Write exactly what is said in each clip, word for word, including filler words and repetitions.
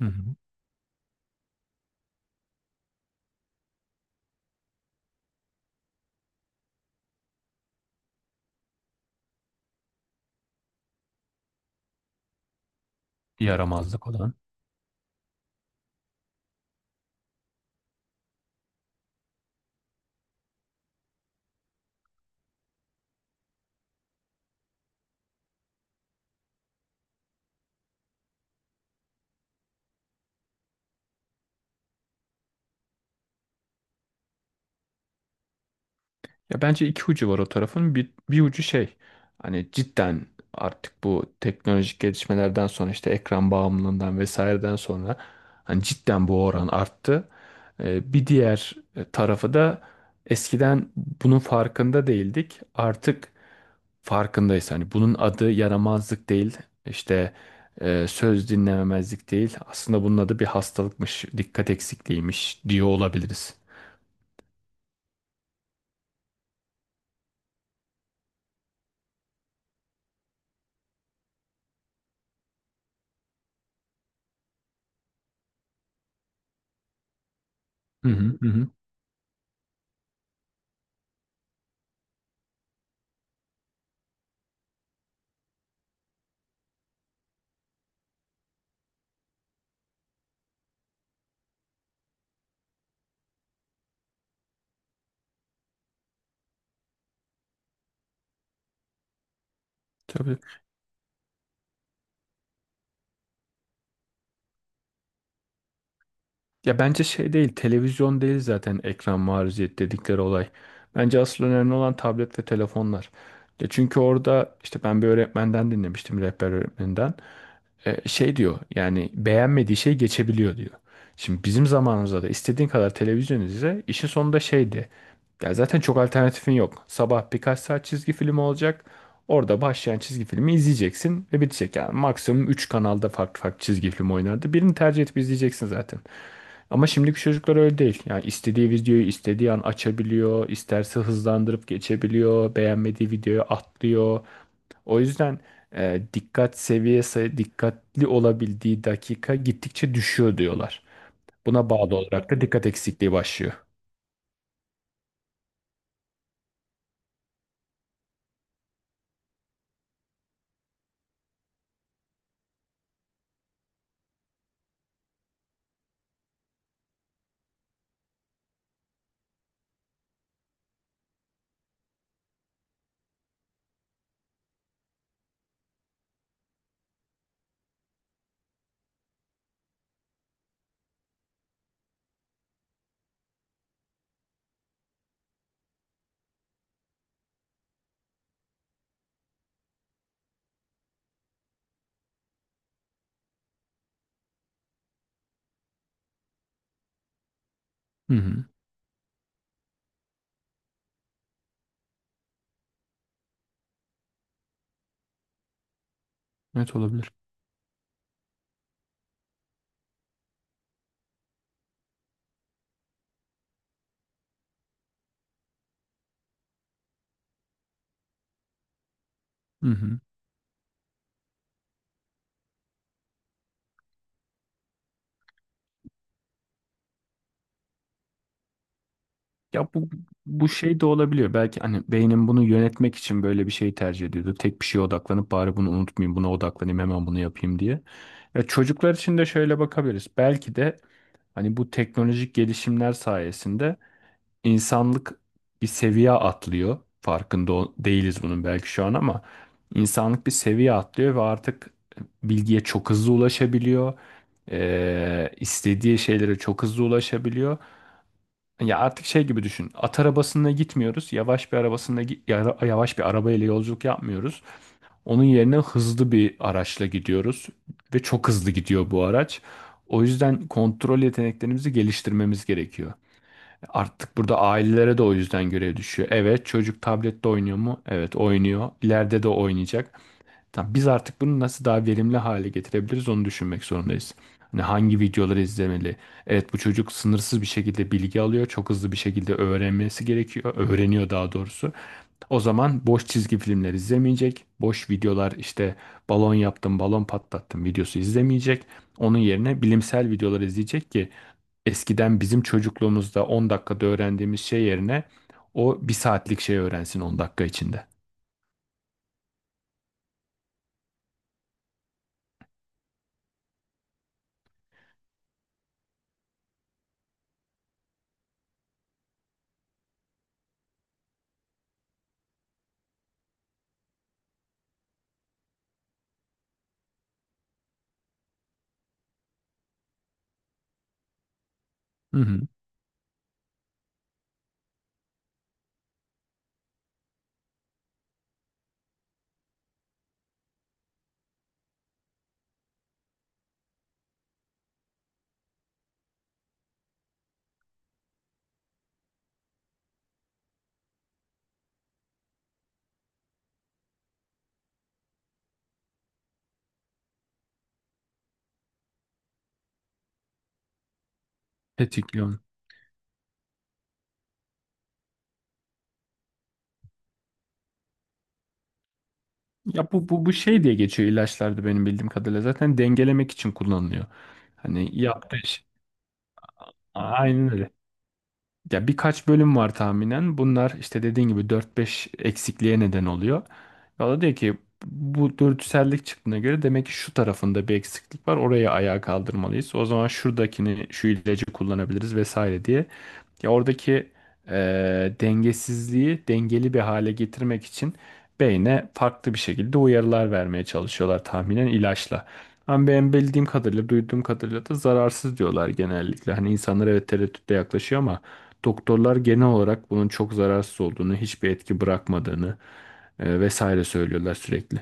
Hı hı. Yaramazlık olan. Ya bence iki ucu var o tarafın. Bir, bir ucu şey, hani cidden artık bu teknolojik gelişmelerden sonra işte ekran bağımlılığından vesaireden sonra hani cidden bu oran arttı. Ee, bir diğer e, tarafı da eskiden bunun farkında değildik. Artık farkındayız. Hani bunun adı yaramazlık değil. İşte e, söz dinlememezlik değil. Aslında bunun adı bir hastalıkmış, dikkat eksikliğiymiş diyor olabiliriz. Hı hı hı. hı. Tabii. Ya bence şey değil, televizyon değil zaten ekran maruziyet dedikleri olay. Bence asıl önemli olan tablet ve telefonlar. Ya çünkü orada işte ben bir öğretmenden dinlemiştim, rehber öğretmeninden. E, şey diyor, yani beğenmediği şey geçebiliyor diyor. Şimdi bizim zamanımızda da istediğin kadar televizyon izle, işin sonunda şeydi. Ya zaten çok alternatifin yok. Sabah birkaç saat çizgi film olacak. Orada başlayan çizgi filmi izleyeceksin ve bitecek. Yani maksimum üç kanalda farklı farklı çizgi film oynardı. Birini tercih edip izleyeceksin zaten. Ama şimdiki çocuklar öyle değil. Yani istediği videoyu istediği an açabiliyor, isterse hızlandırıp geçebiliyor, beğenmediği videoyu atlıyor. O yüzden e, dikkat seviyesi, dikkatli olabildiği dakika gittikçe düşüyor diyorlar. Buna bağlı olarak da dikkat eksikliği başlıyor. Hı hı. Evet, olabilir. Hı hı. Ya bu bu şey de olabiliyor. Belki hani beynim bunu yönetmek için böyle bir şey tercih ediyordu. Tek bir şeye odaklanıp bari bunu unutmayayım, buna odaklanayım, hemen bunu yapayım diye. Ya çocuklar için de şöyle bakabiliriz. Belki de hani bu teknolojik gelişimler sayesinde insanlık bir seviye atlıyor. Farkında ol- değiliz bunun belki şu an, ama insanlık bir seviye atlıyor ve artık bilgiye çok hızlı ulaşabiliyor. Ee, istediği şeylere çok hızlı ulaşabiliyor. Ya artık şey gibi düşün. At arabasında gitmiyoruz. Yavaş bir arabasında gi- yara- Yavaş bir arabayla yolculuk yapmıyoruz. Onun yerine hızlı bir araçla gidiyoruz ve çok hızlı gidiyor bu araç. O yüzden kontrol yeteneklerimizi geliştirmemiz gerekiyor. Artık burada ailelere de o yüzden görev düşüyor. Evet, çocuk tablette oynuyor mu? Evet, oynuyor. İleride de oynayacak. Tamam, biz artık bunu nasıl daha verimli hale getirebiliriz onu düşünmek zorundayız. Hani hangi videoları izlemeli? Evet, bu çocuk sınırsız bir şekilde bilgi alıyor. Çok hızlı bir şekilde öğrenmesi gerekiyor. Öğreniyor daha doğrusu. O zaman boş çizgi filmler izlemeyecek. Boş videolar, işte balon yaptım, balon patlattım videosu izlemeyecek. Onun yerine bilimsel videolar izleyecek ki eskiden bizim çocukluğumuzda on dakikada öğrendiğimiz şey yerine o bir saatlik şey öğrensin on dakika içinde. Hı hı. Tetikliyor. Ya bu, bu, bu şey diye geçiyor ilaçlarda benim bildiğim kadarıyla. Zaten dengelemek için kullanılıyor. Hani yaptığı şey. Aynen öyle. Ya birkaç bölüm var tahminen. Bunlar işte dediğin gibi dört beş eksikliğe neden oluyor. Ya da diyor ki bu dürtüsellik çıktığına göre demek ki şu tarafında bir eksiklik var. Oraya ayağa kaldırmalıyız. O zaman şuradakini şu ilacı kullanabiliriz vesaire diye, ya oradaki eee, dengesizliği dengeli bir hale getirmek için beyne farklı bir şekilde uyarılar vermeye çalışıyorlar tahminen ilaçla. Ama ben bildiğim kadarıyla, duyduğum kadarıyla da zararsız diyorlar genellikle. Hani insanlar evet tereddütle yaklaşıyor ama doktorlar genel olarak bunun çok zararsız olduğunu, hiçbir etki bırakmadığını eee, vesaire söylüyorlar sürekli.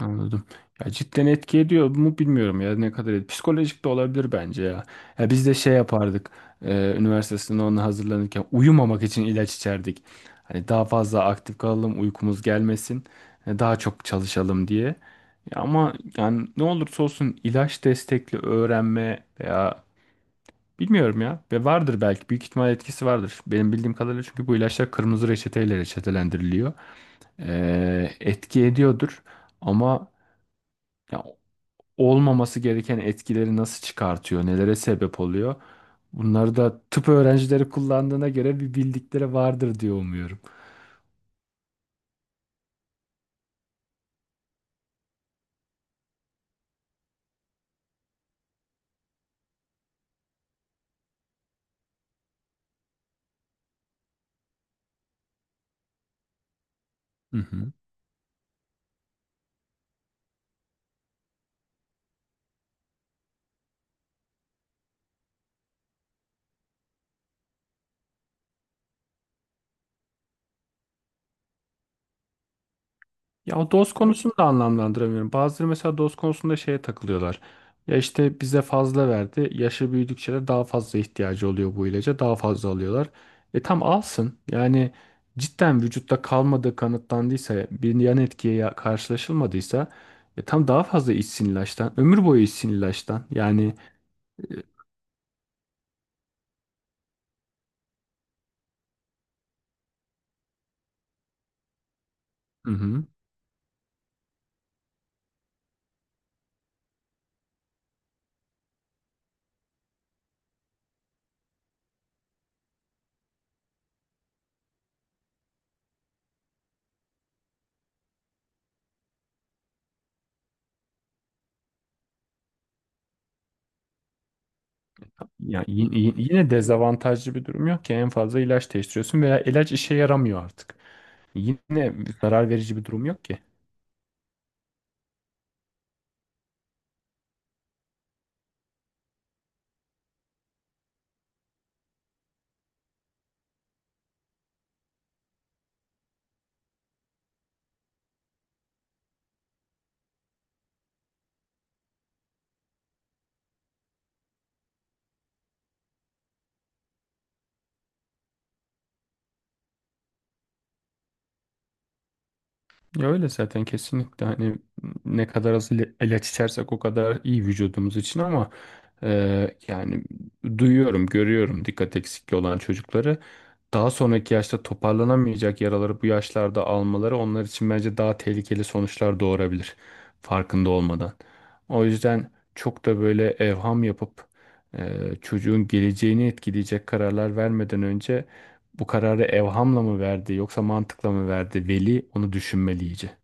Anladım. Ya cidden etki ediyor mu bilmiyorum ya ne kadar et- Psikolojik de olabilir bence ya. Ya biz de şey yapardık. E, üniversite sınavına hazırlanırken uyumamak için ilaç içerdik. Hani daha fazla aktif kalalım, uykumuz gelmesin, e, daha çok çalışalım diye. Ya ama yani ne olursa olsun ilaç destekli öğrenme veya bilmiyorum ya. Ve vardır belki, büyük ihtimal etkisi vardır. Benim bildiğim kadarıyla çünkü bu ilaçlar kırmızı reçeteyle reçetelendiriliyor. E, etki ediyordur ama ya olmaması gereken etkileri nasıl çıkartıyor, nelere sebep oluyor. Bunları da tıp öğrencileri kullandığına göre bir bildikleri vardır diye umuyorum. Hı hı. Ya o doz konusunu da anlamlandıramıyorum. Bazıları mesela doz konusunda şeye takılıyorlar. Ya işte bize fazla verdi. Yaşı büyüdükçe de daha fazla ihtiyacı oluyor bu ilaca. Daha fazla alıyorlar. E tam alsın. Yani cidden vücutta kalmadığı kanıtlandıysa, bir yan etkiye ya- karşılaşılmadıysa e tam daha fazla içsin ilaçtan. Ömür boyu içsin ilaçtan. Yani Hı hı. Ya y- y- yine dezavantajlı bir durum yok ki, en fazla ilaç değiştiriyorsun veya ilaç işe yaramıyor artık. Yine zarar verici bir durum yok ki. Ya öyle zaten kesinlikle, hani ne kadar az ila- ilaç içersek o kadar iyi vücudumuz için, ama e, yani duyuyorum, görüyorum dikkat eksikliği olan çocukları, daha sonraki yaşta toparlanamayacak yaraları bu yaşlarda almaları onlar için bence daha tehlikeli sonuçlar doğurabilir farkında olmadan. O yüzden çok da böyle evham yapıp e, çocuğun geleceğini etkileyecek kararlar vermeden önce bu kararı evhamla mı verdi yoksa mantıkla mı verdi? Veli onu düşünmeli iyice.